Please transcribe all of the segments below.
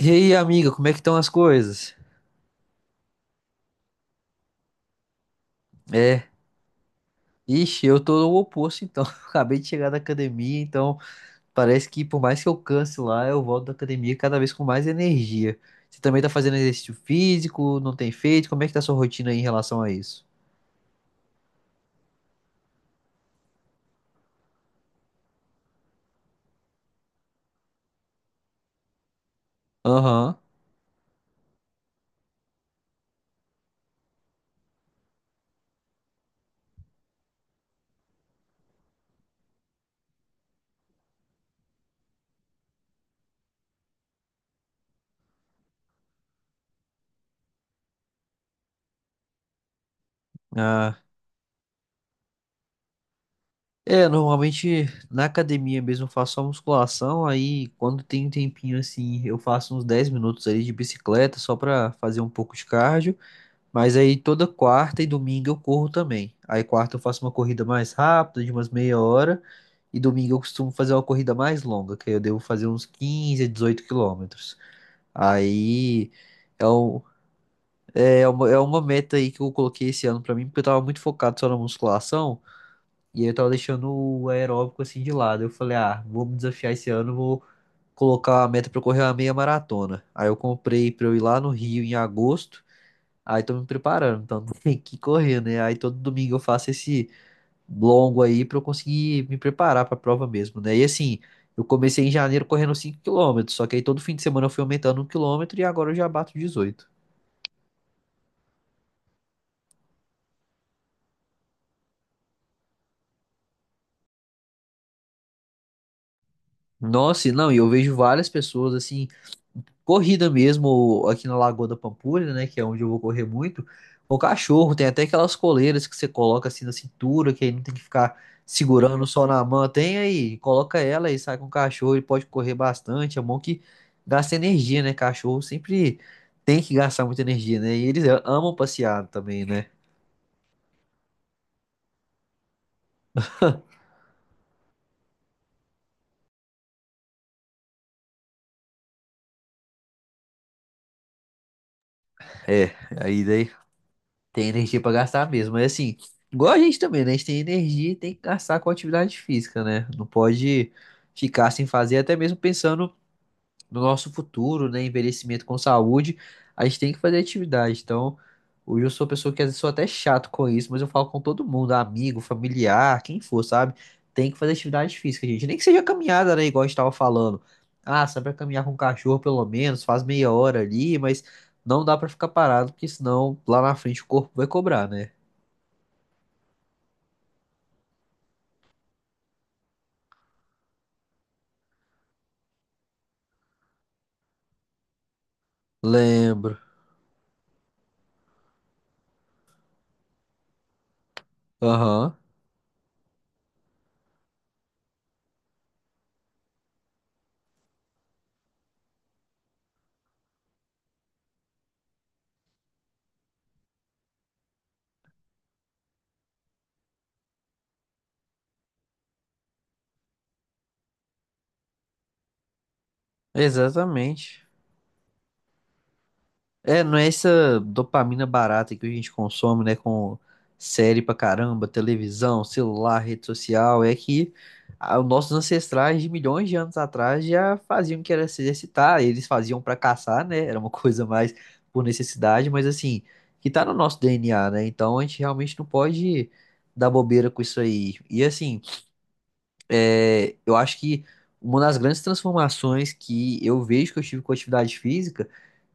E aí, amiga, como é que estão as coisas? É, ixi, eu tô no oposto, então. Acabei de chegar da academia, então parece que por mais que eu canse lá, eu volto da academia cada vez com mais energia. Você também tá fazendo exercício físico, não tem feito? Como é que tá a sua rotina aí em relação a isso? Aham. Ah. É, normalmente na academia mesmo eu faço só musculação, aí quando tem um tempinho assim, eu faço uns 10 minutos ali de bicicleta só pra fazer um pouco de cardio. Mas aí toda quarta e domingo eu corro também. Aí quarta eu faço uma corrida mais rápida, de umas meia hora, e domingo eu costumo fazer uma corrida mais longa, que aí eu devo fazer uns 15 a 18 quilômetros. Aí é, um, é, é uma meta aí que eu coloquei esse ano pra mim, porque eu tava muito focado só na musculação, e aí eu tava deixando o aeróbico assim de lado. Eu falei, ah, vou me desafiar esse ano, vou colocar a meta pra eu correr uma meia maratona. Aí eu comprei pra eu ir lá no Rio em agosto. Aí tô me preparando, então tem que correr, né? Aí todo domingo eu faço esse longo aí pra eu conseguir me preparar pra prova mesmo, né? E assim, eu comecei em janeiro correndo 5 km, só que aí todo fim de semana eu fui aumentando um quilômetro e agora eu já bato 18. Nossa, e não, e eu vejo várias pessoas assim corrida mesmo aqui na Lagoa da Pampulha, né? Que é onde eu vou correr muito. Com cachorro, tem até aquelas coleiras que você coloca assim na cintura, que aí não tem que ficar segurando só na mão. Tem aí, coloca ela e sai com o cachorro, ele pode correr bastante. É bom que gasta energia, né? Cachorro sempre tem que gastar muita energia, né? E eles amam passear também, né? É, aí daí tem energia pra gastar mesmo. Mas assim, igual a gente também, né? A gente tem energia e tem que gastar com atividade física, né? Não pode ficar sem fazer, até mesmo pensando no nosso futuro, né? Envelhecimento com saúde, a gente tem que fazer atividade. Então, hoje eu sou uma pessoa que às vezes sou até chato com isso, mas eu falo com todo mundo, amigo, familiar, quem for, sabe? Tem que fazer atividade física, gente. Nem que seja caminhada, né? Igual a gente tava falando. Ah, sabe pra caminhar com o cachorro, pelo menos, faz meia hora ali, mas não dá pra ficar parado, porque senão lá na frente o corpo vai cobrar, né? Lembro. Aham. Exatamente. É, não é essa dopamina barata que a gente consome, né, com série pra caramba, televisão, celular, rede social, é que ah, os nossos ancestrais de milhões de anos atrás já faziam que era se exercitar, eles faziam pra caçar, né, era uma coisa mais por necessidade, mas assim, que tá no nosso DNA, né, então a gente realmente não pode dar bobeira com isso aí. E assim, eu acho que uma das grandes transformações que eu vejo que eu tive com a atividade física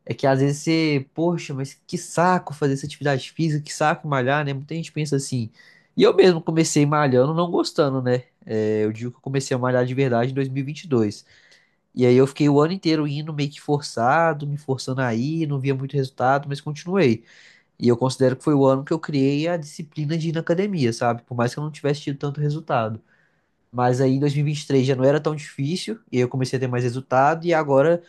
é que às vezes você, poxa, mas que saco fazer essa atividade física, que saco malhar, né? Muita gente pensa assim. E eu mesmo comecei malhando, não gostando, né? É, eu digo que eu comecei a malhar de verdade em 2022. E 22. E aí eu fiquei o ano inteiro indo meio que forçado, me forçando a ir, não via muito resultado, mas continuei. E eu considero que foi o ano que eu criei a disciplina de ir na academia, sabe? Por mais que eu não tivesse tido tanto resultado. Mas aí em 2023 já não era tão difícil, e aí eu comecei a ter mais resultado, e agora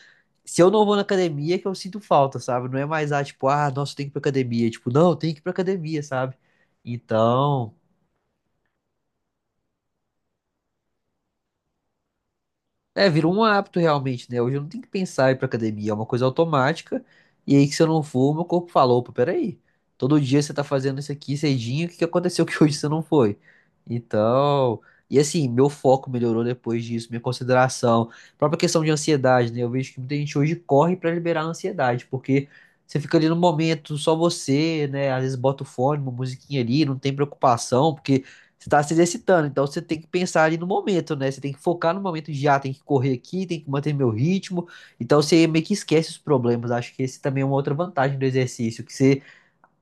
se eu não vou na academia, é que eu sinto falta, sabe? Não é mais, ah, tipo, ah, nossa, tem que ir pra academia. Tipo, não, tem que ir pra academia, sabe? Então, é, virou um hábito realmente, né? Hoje eu não tenho que pensar em ir pra academia, é uma coisa automática. E aí que se eu não for, meu corpo falou, opa, peraí. Todo dia você tá fazendo isso aqui cedinho, o que que aconteceu que hoje você não foi? Então, e assim, meu foco melhorou depois disso, minha consideração, própria questão de ansiedade, né? Eu vejo que muita gente hoje corre pra liberar a ansiedade, porque você fica ali no momento, só você, né? Às vezes bota o fone, uma musiquinha ali, não tem preocupação, porque você tá se exercitando, então você tem que pensar ali no momento, né? Você tem que focar no momento já, tem que correr aqui, tem que manter meu ritmo. Então você meio que esquece os problemas. Acho que esse também é uma outra vantagem do exercício, que você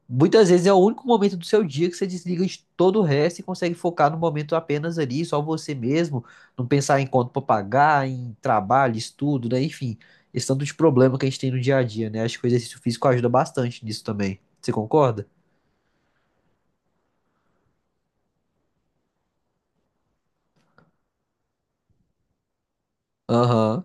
muitas vezes é o único momento do seu dia que você desliga de todo o resto e consegue focar no momento apenas ali, só você mesmo, não pensar em conta para pagar, em trabalho, estudo, né? Enfim, esse tanto de problema que a gente tem no dia a dia, né? Acho que o exercício físico ajuda bastante nisso também. Você concorda? Aham,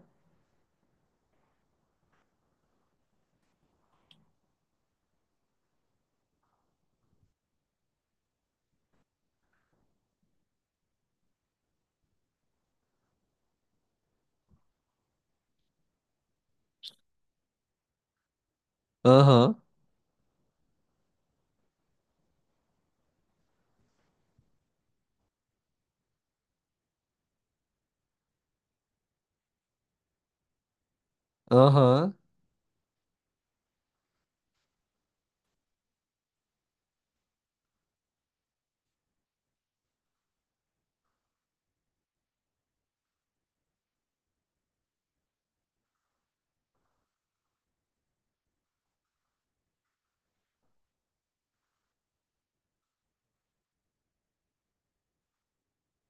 aham, aham,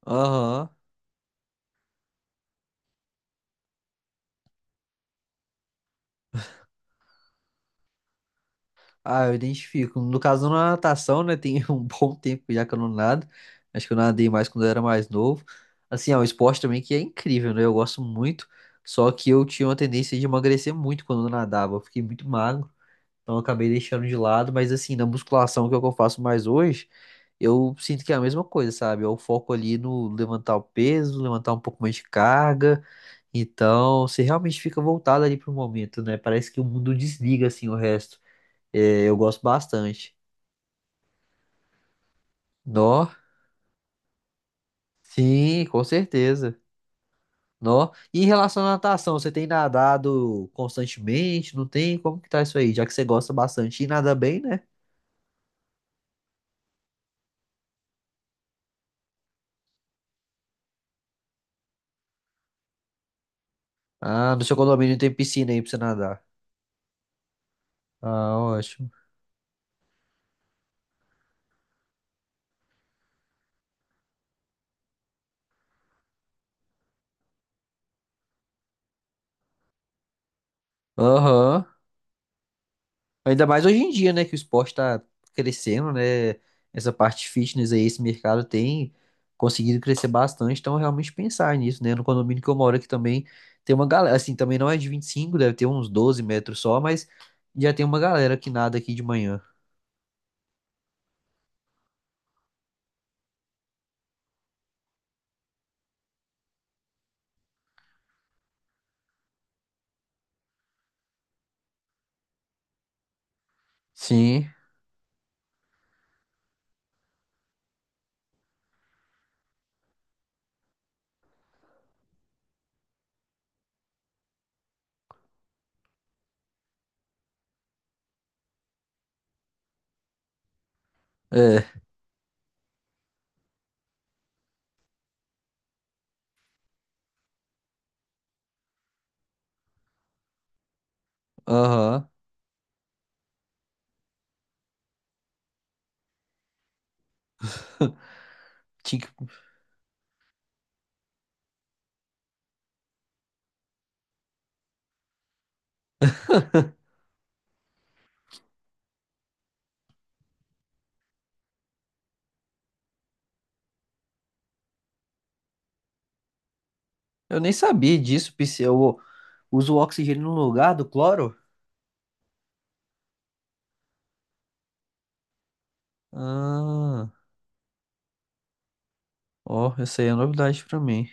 aham. Ah, eu identifico. No caso, na natação, né? Tem um bom tempo já que eu não nado. Acho que eu nadei mais quando eu era mais novo. Assim, é um esporte também que é incrível, né? Eu gosto muito. Só que eu tinha uma tendência de emagrecer muito quando eu nadava. Eu fiquei muito magro. Então eu acabei deixando de lado. Mas assim, na musculação, que é o que eu faço mais hoje, eu sinto que é a mesma coisa, sabe? É o foco ali no levantar o peso, levantar um pouco mais de carga. Então, você realmente fica voltado ali pro momento, né? Parece que o mundo desliga, assim, o resto. É, eu gosto bastante. Nó? Sim, com certeza. Nó. E em relação à natação, você tem nadado constantemente? Não tem? Como que tá isso aí? Já que você gosta bastante e nada bem, né? Ah, no seu condomínio tem piscina aí pra você nadar. Ah, ótimo. Aham. Ainda mais hoje em dia, né, que o esporte tá crescendo, né? Essa parte fitness aí, esse mercado tem conseguido crescer bastante, então realmente pensar nisso, né? No condomínio que eu moro aqui também tem uma galera, assim, também não é de 25, deve ter uns 12 metros só, mas já tem uma galera que nada aqui de manhã. Sim, é, aham. Tinha que- Eu nem sabia disso, PC. Eu uso o oxigênio no lugar do cloro? Ah, ó, essa aí é novidade pra mim.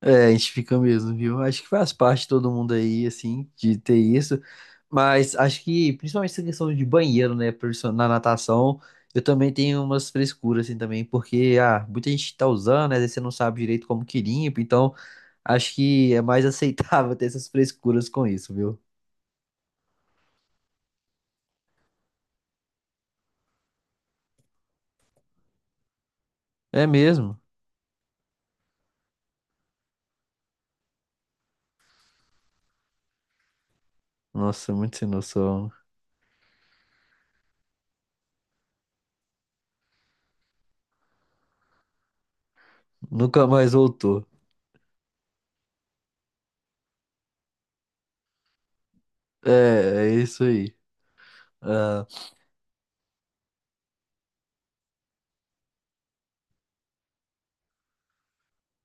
É, a gente fica mesmo, viu? Acho que faz parte de todo mundo aí, assim, de ter isso. Mas acho que, principalmente essa questão de banheiro, né? Por isso, na natação, eu também tenho umas frescuras, assim, também, porque, ah, muita gente tá usando, né? Às vezes você não sabe direito como que limpa, então acho que é mais aceitável ter essas frescuras com isso, viu? É mesmo? Nossa, muito sem noção. Nunca mais voltou. É, é isso aí. Ah,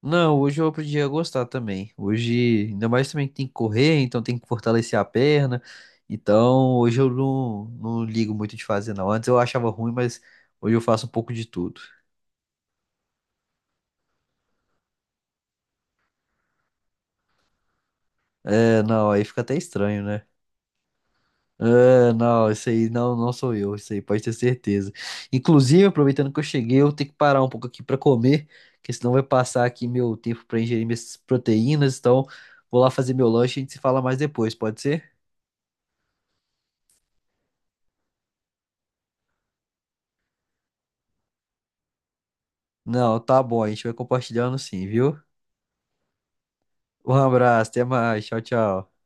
não, hoje eu aprendi a gostar também. Hoje, ainda mais também que tem que correr, então tem que fortalecer a perna. Então, hoje eu não ligo muito de fazer, não. Antes eu achava ruim, mas hoje eu faço um pouco de tudo. É, não, aí fica até estranho, né? Ah, não, isso aí não, não sou eu, isso aí pode ter certeza. Inclusive, aproveitando que eu cheguei, eu tenho que parar um pouco aqui para comer, porque senão vai passar aqui meu tempo para ingerir minhas proteínas. Então, vou lá fazer meu lanche e a gente se fala mais depois, pode ser? Não, tá bom, a gente vai compartilhando sim, viu? Um abraço, até mais. Tchau, tchau.